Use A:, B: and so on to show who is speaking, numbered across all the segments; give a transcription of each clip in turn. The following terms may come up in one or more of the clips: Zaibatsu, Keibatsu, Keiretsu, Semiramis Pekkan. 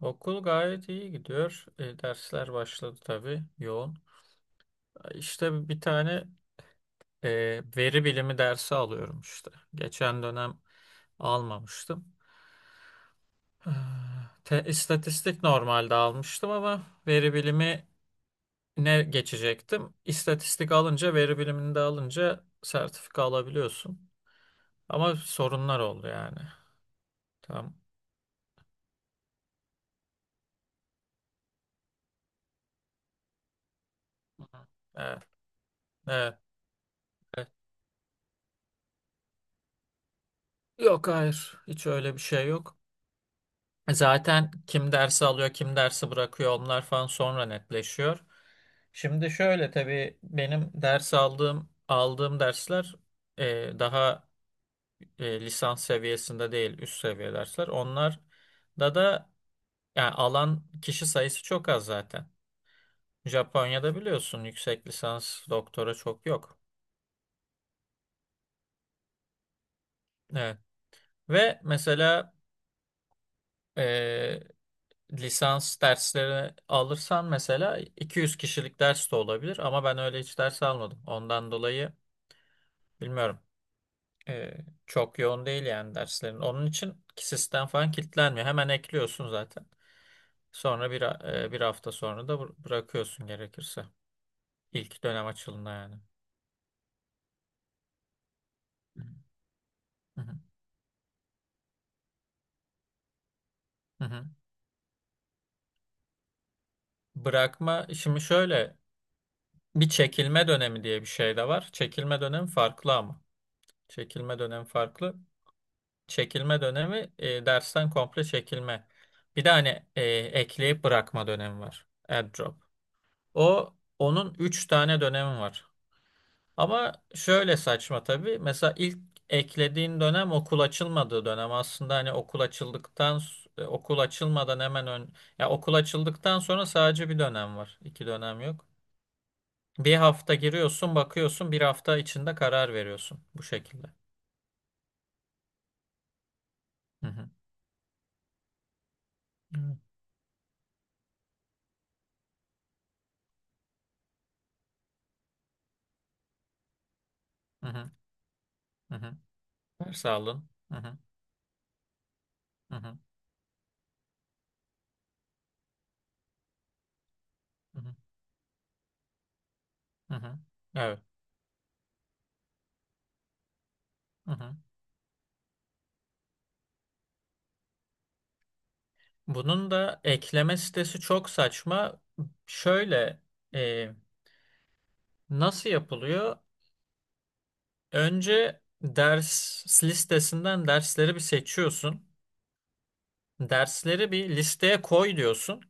A: Okul gayet iyi gidiyor. Dersler başladı tabii yoğun. İşte bir tane veri bilimi dersi alıyorum işte. Geçen dönem almamıştım. Ah, Te, istatistik normalde almıştım ama veri bilimi ne geçecektim? İstatistik alınca veri bilimini de alınca sertifika alabiliyorsun. Ama sorunlar oldu yani. Tamam. Evet, evet, evet. Yok, hayır. Hiç öyle bir şey yok. Zaten kim dersi alıyor, kim dersi bırakıyor onlar falan sonra netleşiyor. Şimdi şöyle tabii benim ders aldığım dersler daha lisans seviyesinde değil, üst seviye dersler. Onlar da yani alan kişi sayısı çok az zaten. Japonya'da biliyorsun yüksek lisans doktora çok yok. Evet. Ve mesela e, lisans dersleri alırsan mesela 200 kişilik ders de olabilir ama ben öyle hiç ders almadım. Ondan dolayı bilmiyorum. Ee, çok yoğun değil yani derslerin. Onun için ki sistem falan kilitlenmiyor. Hemen ekliyorsun zaten. Sonra bir hafta sonra da bırakıyorsun gerekirse. İlk dönem açılına yani. Hı hı. Hı hı. Bırakma şimdi şöyle, bir çekilme dönemi diye bir şey de var. Çekilme dönemi farklı ama. Çekilme dönemi farklı. Çekilme dönemi dersten komple çekilme. Bir de hani ekleyip bırakma dönemi var. Airdrop. O onun 3 tane dönemi var. Ama şöyle saçma tabii. Mesela ilk eklediğin dönem okul açılmadığı dönem. Aslında hani okul açıldıktan okul açılmadan hemen ön, ya okul açıldıktan sonra sadece bir dönem var. İki dönem yok. Bir hafta giriyorsun, bakıyorsun, bir hafta içinde karar veriyorsun bu şekilde. Hı hı. Hı hı. Hı hı. Ders aldın. Hı hı. Hı hı. Hı hı, hı hı. Evet. Hı hı. Bunun da ekleme sitesi çok saçma. Şöyle, e, nasıl yapılıyor? Önce ders listesinden dersleri bir seçiyorsun. Dersleri bir listeye koy diyorsun.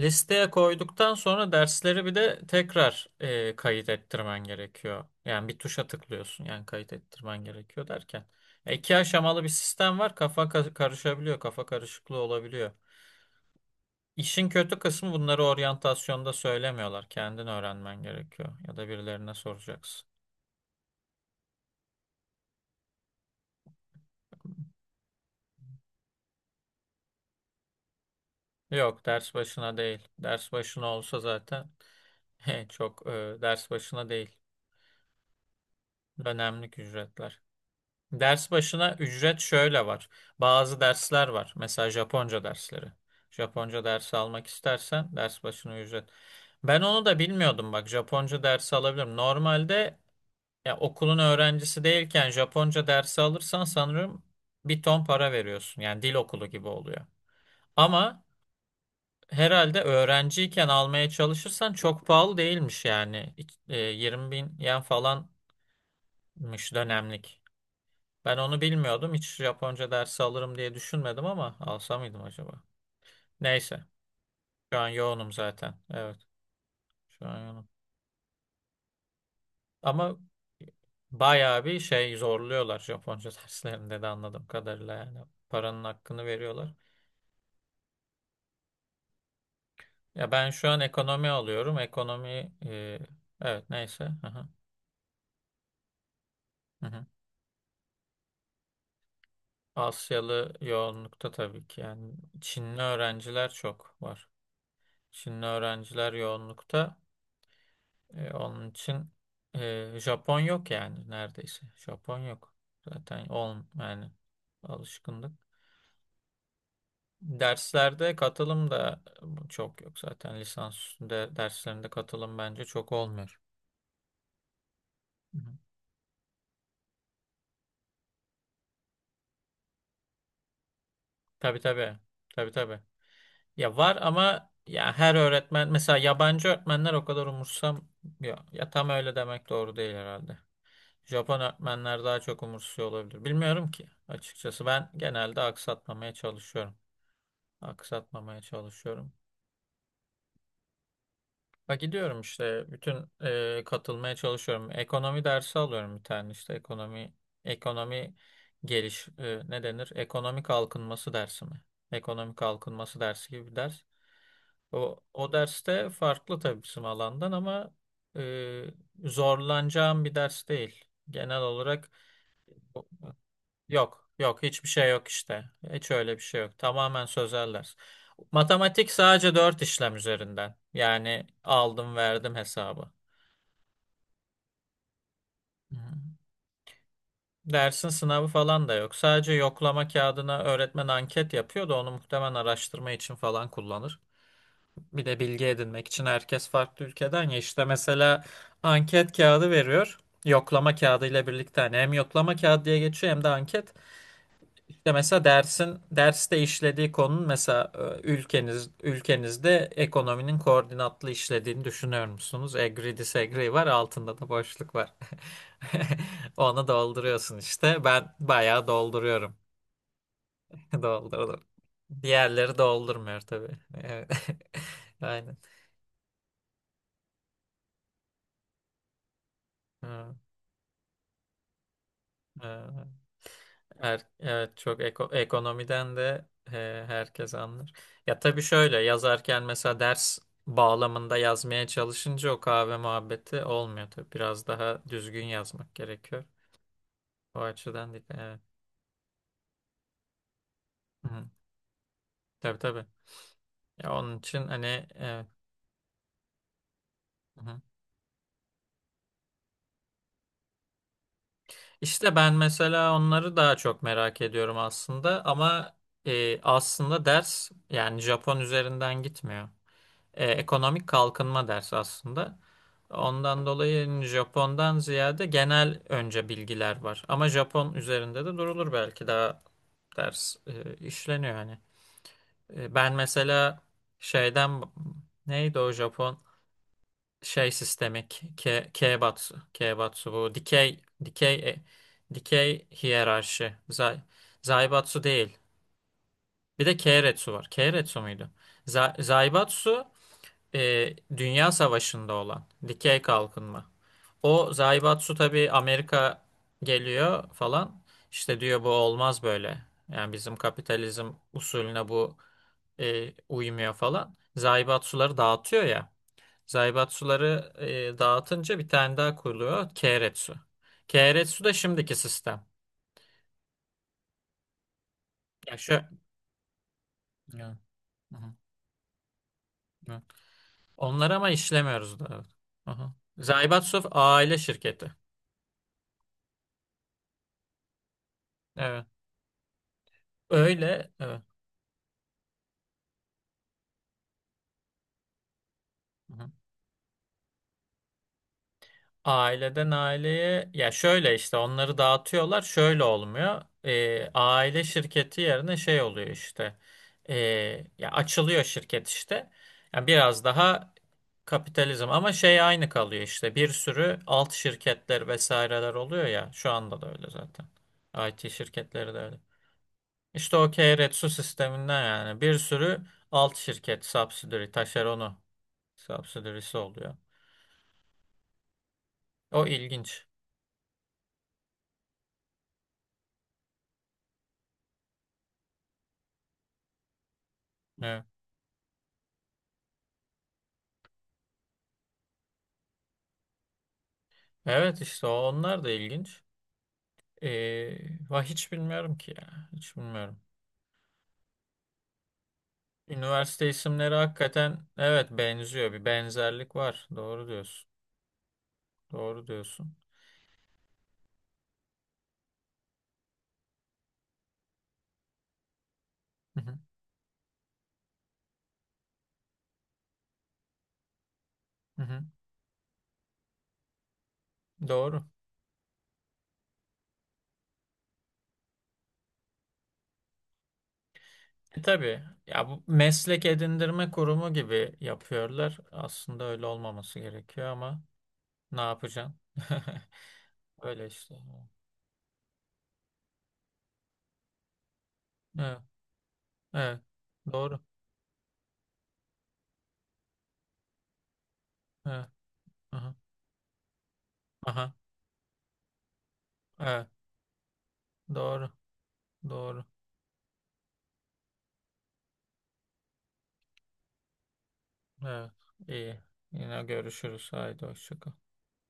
A: Listeye koyduktan sonra dersleri bir de tekrar kayıt ettirmen gerekiyor. Yani bir tuşa tıklıyorsun. Yani kayıt ettirmen gerekiyor derken. E, iki aşamalı bir sistem var. Kafa karışabiliyor. Kafa karışıklığı olabiliyor. İşin kötü kısmı bunları oryantasyonda söylemiyorlar. Kendin öğrenmen gerekiyor ya da birilerine soracaksın. Yok, ders başına değil. Ders başına olsa zaten çok, ders başına değil. Dönemlik ücretler. Ders başına ücret şöyle var. Bazı dersler var. Mesela Japonca dersleri. Japonca dersi almak istersen ders başına ücret. Ben onu da bilmiyordum bak. Japonca dersi alabilirim. Normalde. Ya, okulun öğrencisi değilken Japonca dersi alırsan sanırım bir ton para veriyorsun. Yani dil okulu gibi oluyor. Ama herhalde öğrenciyken almaya çalışırsan çok pahalı değilmiş yani. 20 bin yen falanmış dönemlik. Ben onu bilmiyordum. Hiç Japonca dersi alırım diye düşünmedim ama alsa mıydım acaba? Neyse. Şu an yoğunum zaten. Evet. Şu an yoğunum. Ama bayağı bir şey zorluyorlar Japonca derslerinde de anladığım kadarıyla yani. Paranın hakkını veriyorlar. Ya, ben şu an ekonomi alıyorum. Ekonomi, evet neyse. Aha, hı hı. Hı. Asyalı yoğunlukta tabii ki. Yani Çinli öğrenciler çok var. Çinli öğrenciler yoğunlukta. Onun için Japon yok yani neredeyse. Japon yok. Zaten on yani, alışkınlık. Derslerde katılım da çok yok zaten. Lisans üstünde derslerinde katılım bence çok olmuyor. Hı hı. Tabii tabii. Tabii tabii. Ya var ama ya her öğretmen, mesela yabancı öğretmenler o kadar umursam ya, ya tam öyle demek doğru değil herhalde. Japon öğretmenler daha çok umursuyor olabilir. Bilmiyorum ki açıkçası, ben genelde aksatmamaya çalışıyorum. Aksatmamaya çalışıyorum. Bak, gidiyorum işte bütün, katılmaya çalışıyorum. Ekonomi dersi alıyorum bir tane, işte ekonomi ne denir? Ekonomi kalkınması dersi mi? Ekonomi kalkınması dersi gibi bir ders. O derste farklı tabii, bizim alandan ama e, zorlanacağım bir ders değil. Genel olarak yok, yok, hiçbir şey yok işte. Hiç öyle bir şey yok. Tamamen sözel ders. Matematik sadece dört işlem üzerinden. Yani aldım verdim hesabı. Hı hı. Dersin sınavı falan da yok. Sadece yoklama kağıdına öğretmen anket yapıyor da onu muhtemelen araştırma için falan kullanır. Bir de bilgi edinmek için, herkes farklı ülkeden ya, işte mesela anket kağıdı veriyor. Yoklama kağıdı ile birlikte hani hem yoklama kağıdı diye geçiyor hem de anket. İşte mesela dersin derste işlediği konunun, mesela ülkenizde ekonominin koordinatlı işlediğini düşünüyor musunuz? Agree disagree var, altında da boşluk var. Onu dolduruyorsun işte. Ben bayağı dolduruyorum. Doldurdum. Diğerleri doldurmuyor tabii. Evet. Aynen. Ha, ha. Her, evet, çok ekonomiden de herkes anlar. Ya tabii, şöyle yazarken mesela ders bağlamında yazmaya çalışınca o kahve muhabbeti olmuyor tabii. Biraz daha düzgün yazmak gerekiyor. O açıdan değil. Evet. Hı-hı. Tabii tabii. Ya onun için hani, evet. Hı-hı. İşte ben mesela onları daha çok merak ediyorum aslında, ama aslında ders yani Japon üzerinden gitmiyor. Ekonomik kalkınma dersi aslında. Ondan dolayı Japon'dan ziyade genel önce bilgiler var. Ama Japon üzerinde de durulur belki, daha ders işleniyor hani. Ben mesela şeyden, neydi o Japon şey sistemi, Keibatsu. Keibatsu, bu dikey, dikey e, dikey hiyerarşi. Zaibatsu değil. Bir de Keiretsu var. Keiretsu muydu? Zaibatsu Dünya Savaşı'nda olan dikey kalkınma. O Zaibatsu tabii, Amerika geliyor falan. İşte diyor bu olmaz böyle. Yani bizim kapitalizm usulüne bu uymuyor falan. Zaibatsuları dağıtıyor ya. Zaibatsuları dağıtınca bir tane daha kuruluyor. Keiretsu. Keiretsu da şimdiki sistem. Ya şu... Ya, hı hı, evet. Onları ama işlemiyoruz daha. Aha. Zaibatsu aile şirketi. Evet. Öyle. Evet. Hı hı. Aileden aileye, ya şöyle işte, onları dağıtıyorlar, şöyle olmuyor. Aile şirketi yerine şey oluyor işte. Ee, Ya açılıyor şirket işte, yani biraz daha kapitalizm, ama şey aynı kalıyor işte, bir sürü alt şirketler vesaireler oluyor, ya şu anda da öyle zaten. I T şirketleri de öyle, işte o Keiretsu sisteminden, yani bir sürü alt şirket, subsidiary, taşeronu, subsidiary'si oluyor, o ilginç. Evet. Evet, işte onlar da ilginç. Va hiç bilmiyorum ki ya. Hiç bilmiyorum. Üniversite isimleri hakikaten, evet, benziyor. Bir benzerlik var. Doğru diyorsun. Doğru diyorsun. Hı hı. Hı hı. Doğru. Tabii ya, bu meslek edindirme kurumu gibi yapıyorlar. Aslında öyle olmaması gerekiyor ama ne yapacaksın? Öyle işte. Evet. Evet. Doğru. Evet. Aha. Aha. Evet. Doğru. Doğru. Evet, iyi. Yine görüşürüz. Haydi hoşça kal.